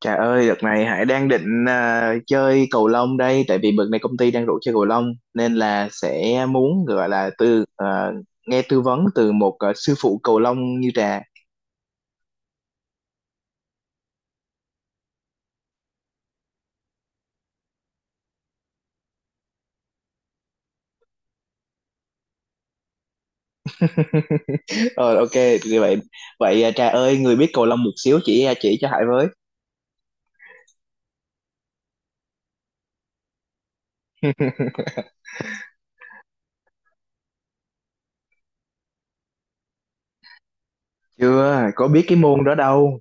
Trời ơi, đợt này Hải đang định chơi cầu lông đây, tại vì bữa này công ty đang rủ chơi cầu lông nên là sẽ muốn gọi là từ nghe tư vấn từ một sư phụ cầu lông như Trà. Rồi ok, như vậy vậy à, Trà ơi, người biết cầu lông một xíu chỉ chỉ cho Hải với. Chưa, có biết cái môn đó đâu.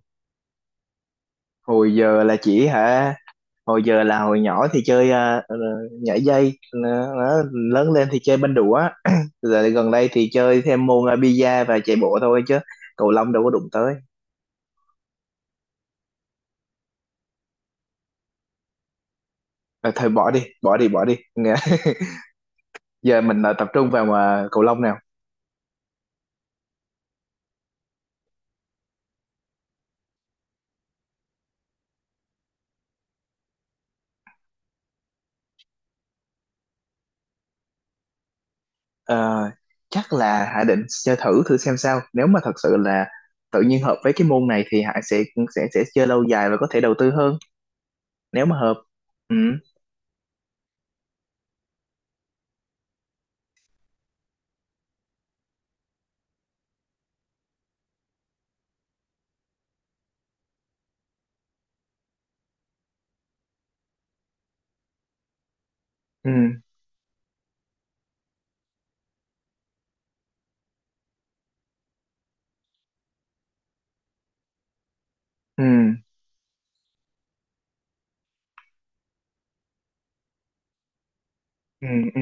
Hồi giờ là chỉ hả, hồi giờ là hồi nhỏ thì chơi nhảy dây, nó lớn lên thì chơi banh đũa. Giờ gần đây thì chơi thêm môn bi và chạy bộ thôi chứ cầu lông đâu có đụng tới. À, thôi bỏ đi bỏ đi. Giờ mình tập trung vào cầu lông nào. Ờ, chắc là Hải định chơi thử thử xem sao, nếu mà thật sự là tự nhiên hợp với cái môn này thì Hải sẽ sẽ chơi lâu dài và có thể đầu tư hơn nếu mà hợp. Ừ. Ừ. Ừ. Ừ. Ừ.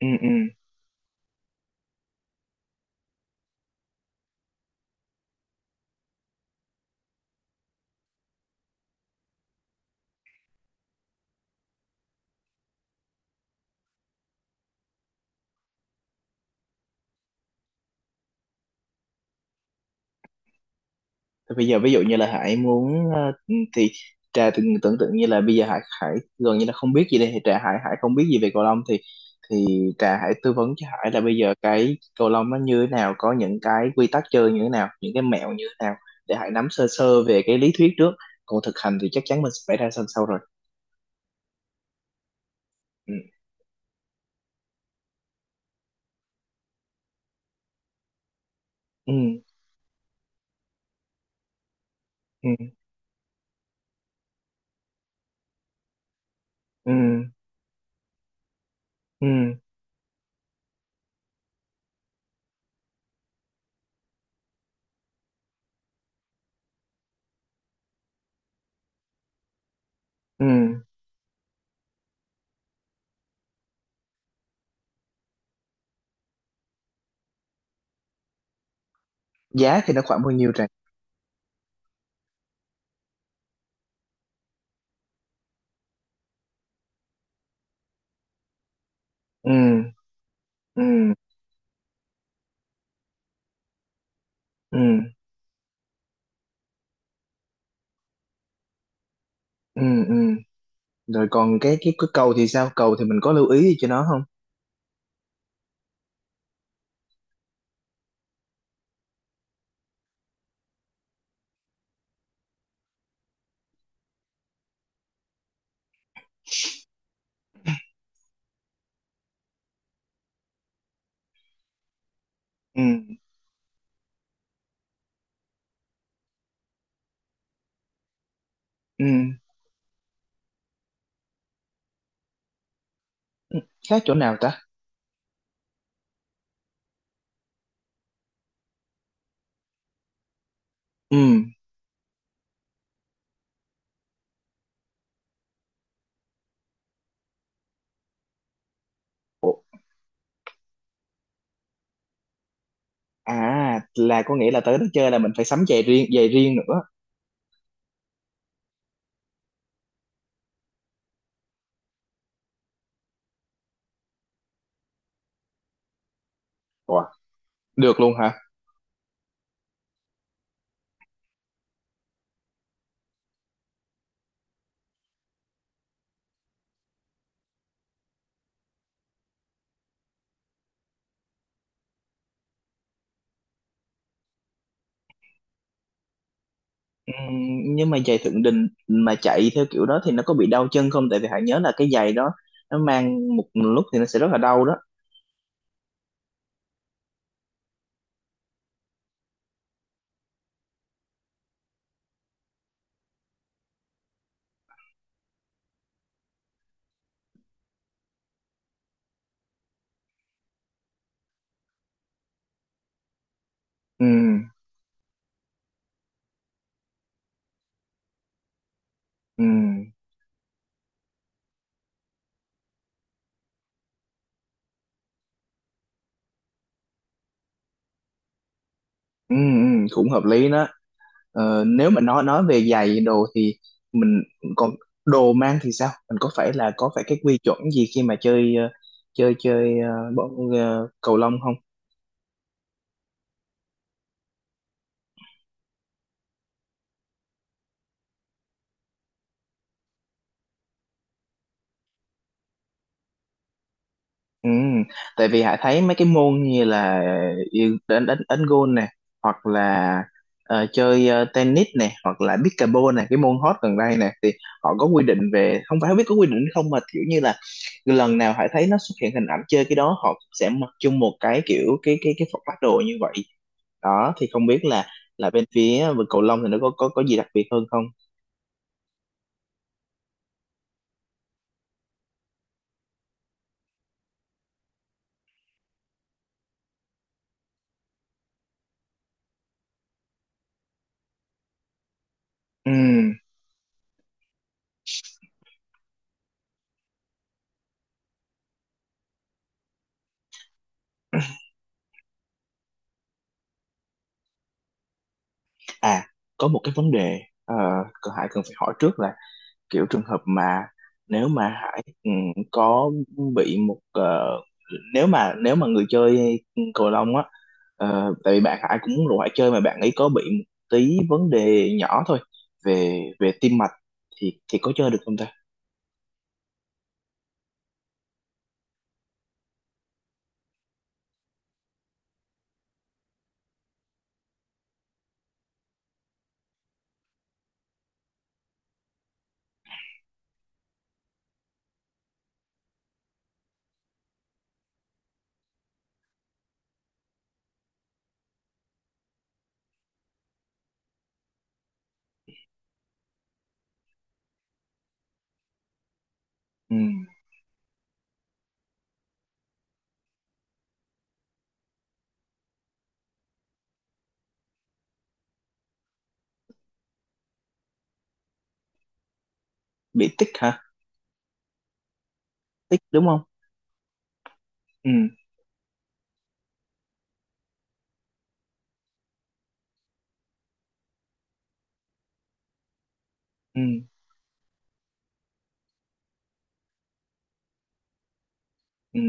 Ừ. Ừ. Thế bây giờ ví dụ như là Hải muốn thì Trà từng tưởng tượng như là bây giờ Hải Hải gần như là không biết gì đây thì Trà Hải Hải không biết gì về cầu lông thì Trà Hải tư vấn cho Hải là bây giờ cái cầu lông nó như thế nào, có những cái quy tắc chơi như thế nào, những cái mẹo như thế nào để Hải nắm sơ sơ về cái lý thuyết trước, còn thực hành thì chắc chắn mình sẽ phải ra sân sau rồi. Ừ. Ừ. Ừ. Ừ. Ừ. Ừ. Giá thì nó khoảng bao nhiêu Trà? Ừ. Ừ. Ừ. Ừ. Ừ. Rồi còn cái cầu thì sao? Cầu thì mình có lưu ý gì cho nó không? Ừ. Ừ. Khác chỗ nào ta? Ừ. Ủa, à là có nghĩa là tới đó chơi là mình phải sắm giày riêng nữa. Ủa, được luôn hả? Ừ, nhưng mà giày Thượng Đình mà chạy theo kiểu đó thì nó có bị đau chân không? Tại vì hãy nhớ là cái giày đó nó mang một lúc thì nó sẽ rất là đau đó. Ừ. Ừ. Ừ. Ừ, cũng hợp lý đó. Ờ, nếu mà nói về giày đồ thì mình còn đồ mang thì sao, mình có phải là có phải cái quy chuẩn gì khi mà chơi chơi chơi cầu lông không? Ừ, tại vì Hải thấy mấy cái môn như là yêu- đánh đánh đánh golf nè, hoặc là chơi tennis nè, hoặc là pickleball nè, cái môn hot gần đây nè, thì họ có quy định về không phải, không biết có quy định hay không, mà kiểu như là lần nào Hải thấy nó xuất hiện hình ảnh chơi cái đó họ sẽ mặc chung một cái kiểu cái phong phát đồ như vậy đó, thì không biết là bên phía vực cầu lông thì nó có có gì đặc biệt hơn không? Ừ, à có một cái vấn đề, Hải cần phải hỏi trước là kiểu trường hợp mà nếu mà Hải ừ, có bị một nếu mà người chơi cầu lông á, tại vì bạn Hải cũng muốn rủ Hải chơi mà bạn ấy có bị một tí vấn đề nhỏ thôi về về tim mạch thì có chơi được không ta? Ừ. Bị tích hả, tích đúng không? Ừ. Ừ. Ừ.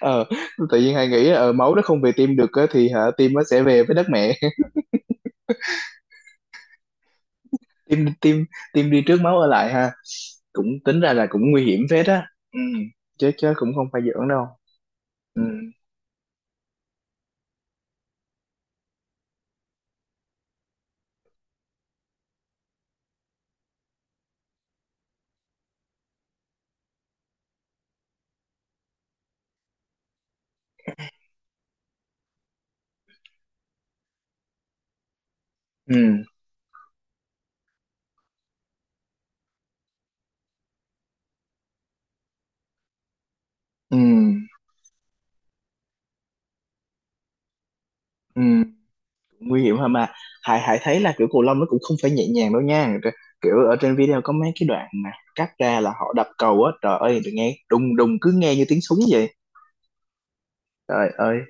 Ờ, tự nhiên Hải nghĩ máu nó không về tim được á, thì hả tim nó sẽ về với đất mẹ. Tim tim tim đi trước máu ở lại ha, cũng tính ra là cũng nguy hiểm phết á. Ừ. Chứ chứ cũng không phải giỡn đâu. Ừ. Ừ. Ừ. Ừ. Nguy hiểm hả mà, Hải Hải thấy là kiểu cầu lông nó cũng không phải nhẹ nhàng đâu nha. Rồi, kiểu ở trên video có mấy cái đoạn mà cắt ra là họ đập cầu á, trời ơi tôi nghe đùng đùng cứ nghe như tiếng súng vậy, trời ơi.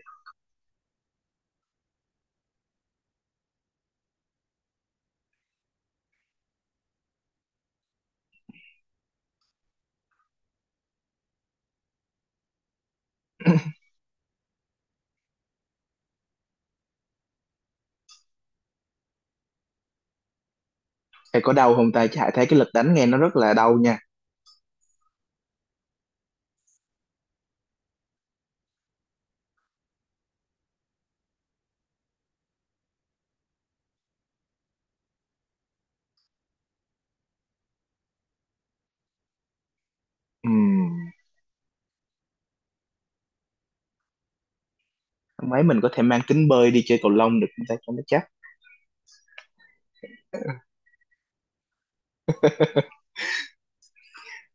Hải có đau không ta, chứ Hải thấy cái lực đánh nghe nó rất là đau nha. Ừ. Mấy mình có thể mang kính bơi đi chơi cầu lông được không ta cho nó chắc?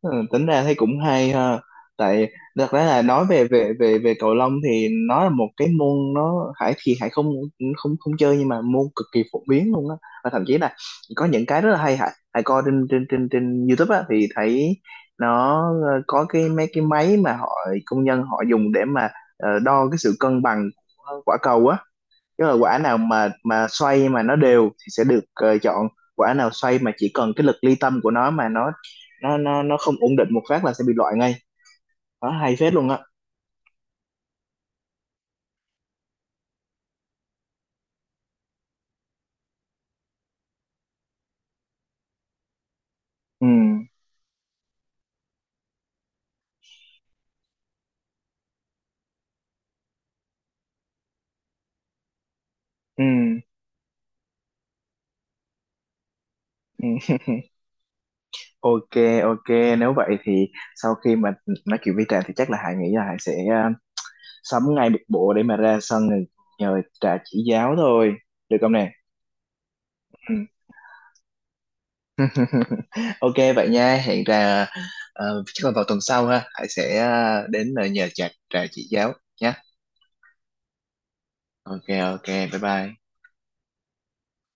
Ừ, tính ra thấy cũng hay ha. Tại thật ra là nói về về cầu lông thì nó là một cái môn, nó Hải thì Hải không không không chơi, nhưng mà môn cực kỳ phổ biến luôn á, và thậm chí là có những cái rất là hay. Hải Hải coi trên trên YouTube á thì thấy nó có cái mấy cái máy mà họ công nhân họ dùng để mà đo cái sự cân bằng của quả cầu á. Chứ là quả nào mà xoay mà nó đều thì sẽ được chọn, quả nào xoay mà chỉ cần cái lực ly tâm của nó mà nó không ổn định một phát là sẽ bị loại ngay, đó hay phết luôn á. Ừ. Ừ. Ừ. Ok. Ok, nếu vậy thì sau khi mà nói chuyện với Trà thì chắc là Hải nghĩ là Hải sẽ sắm ngay một bộ để mà ra sân rồi nhờ Trà chỉ giáo thôi, được không nè? Ừ. Ok vậy nha, hẹn Trà chắc là vào tuần sau ha, Hải sẽ đến nhờ Trà Trà chỉ giáo nhé. Ok. Ok, bye bye.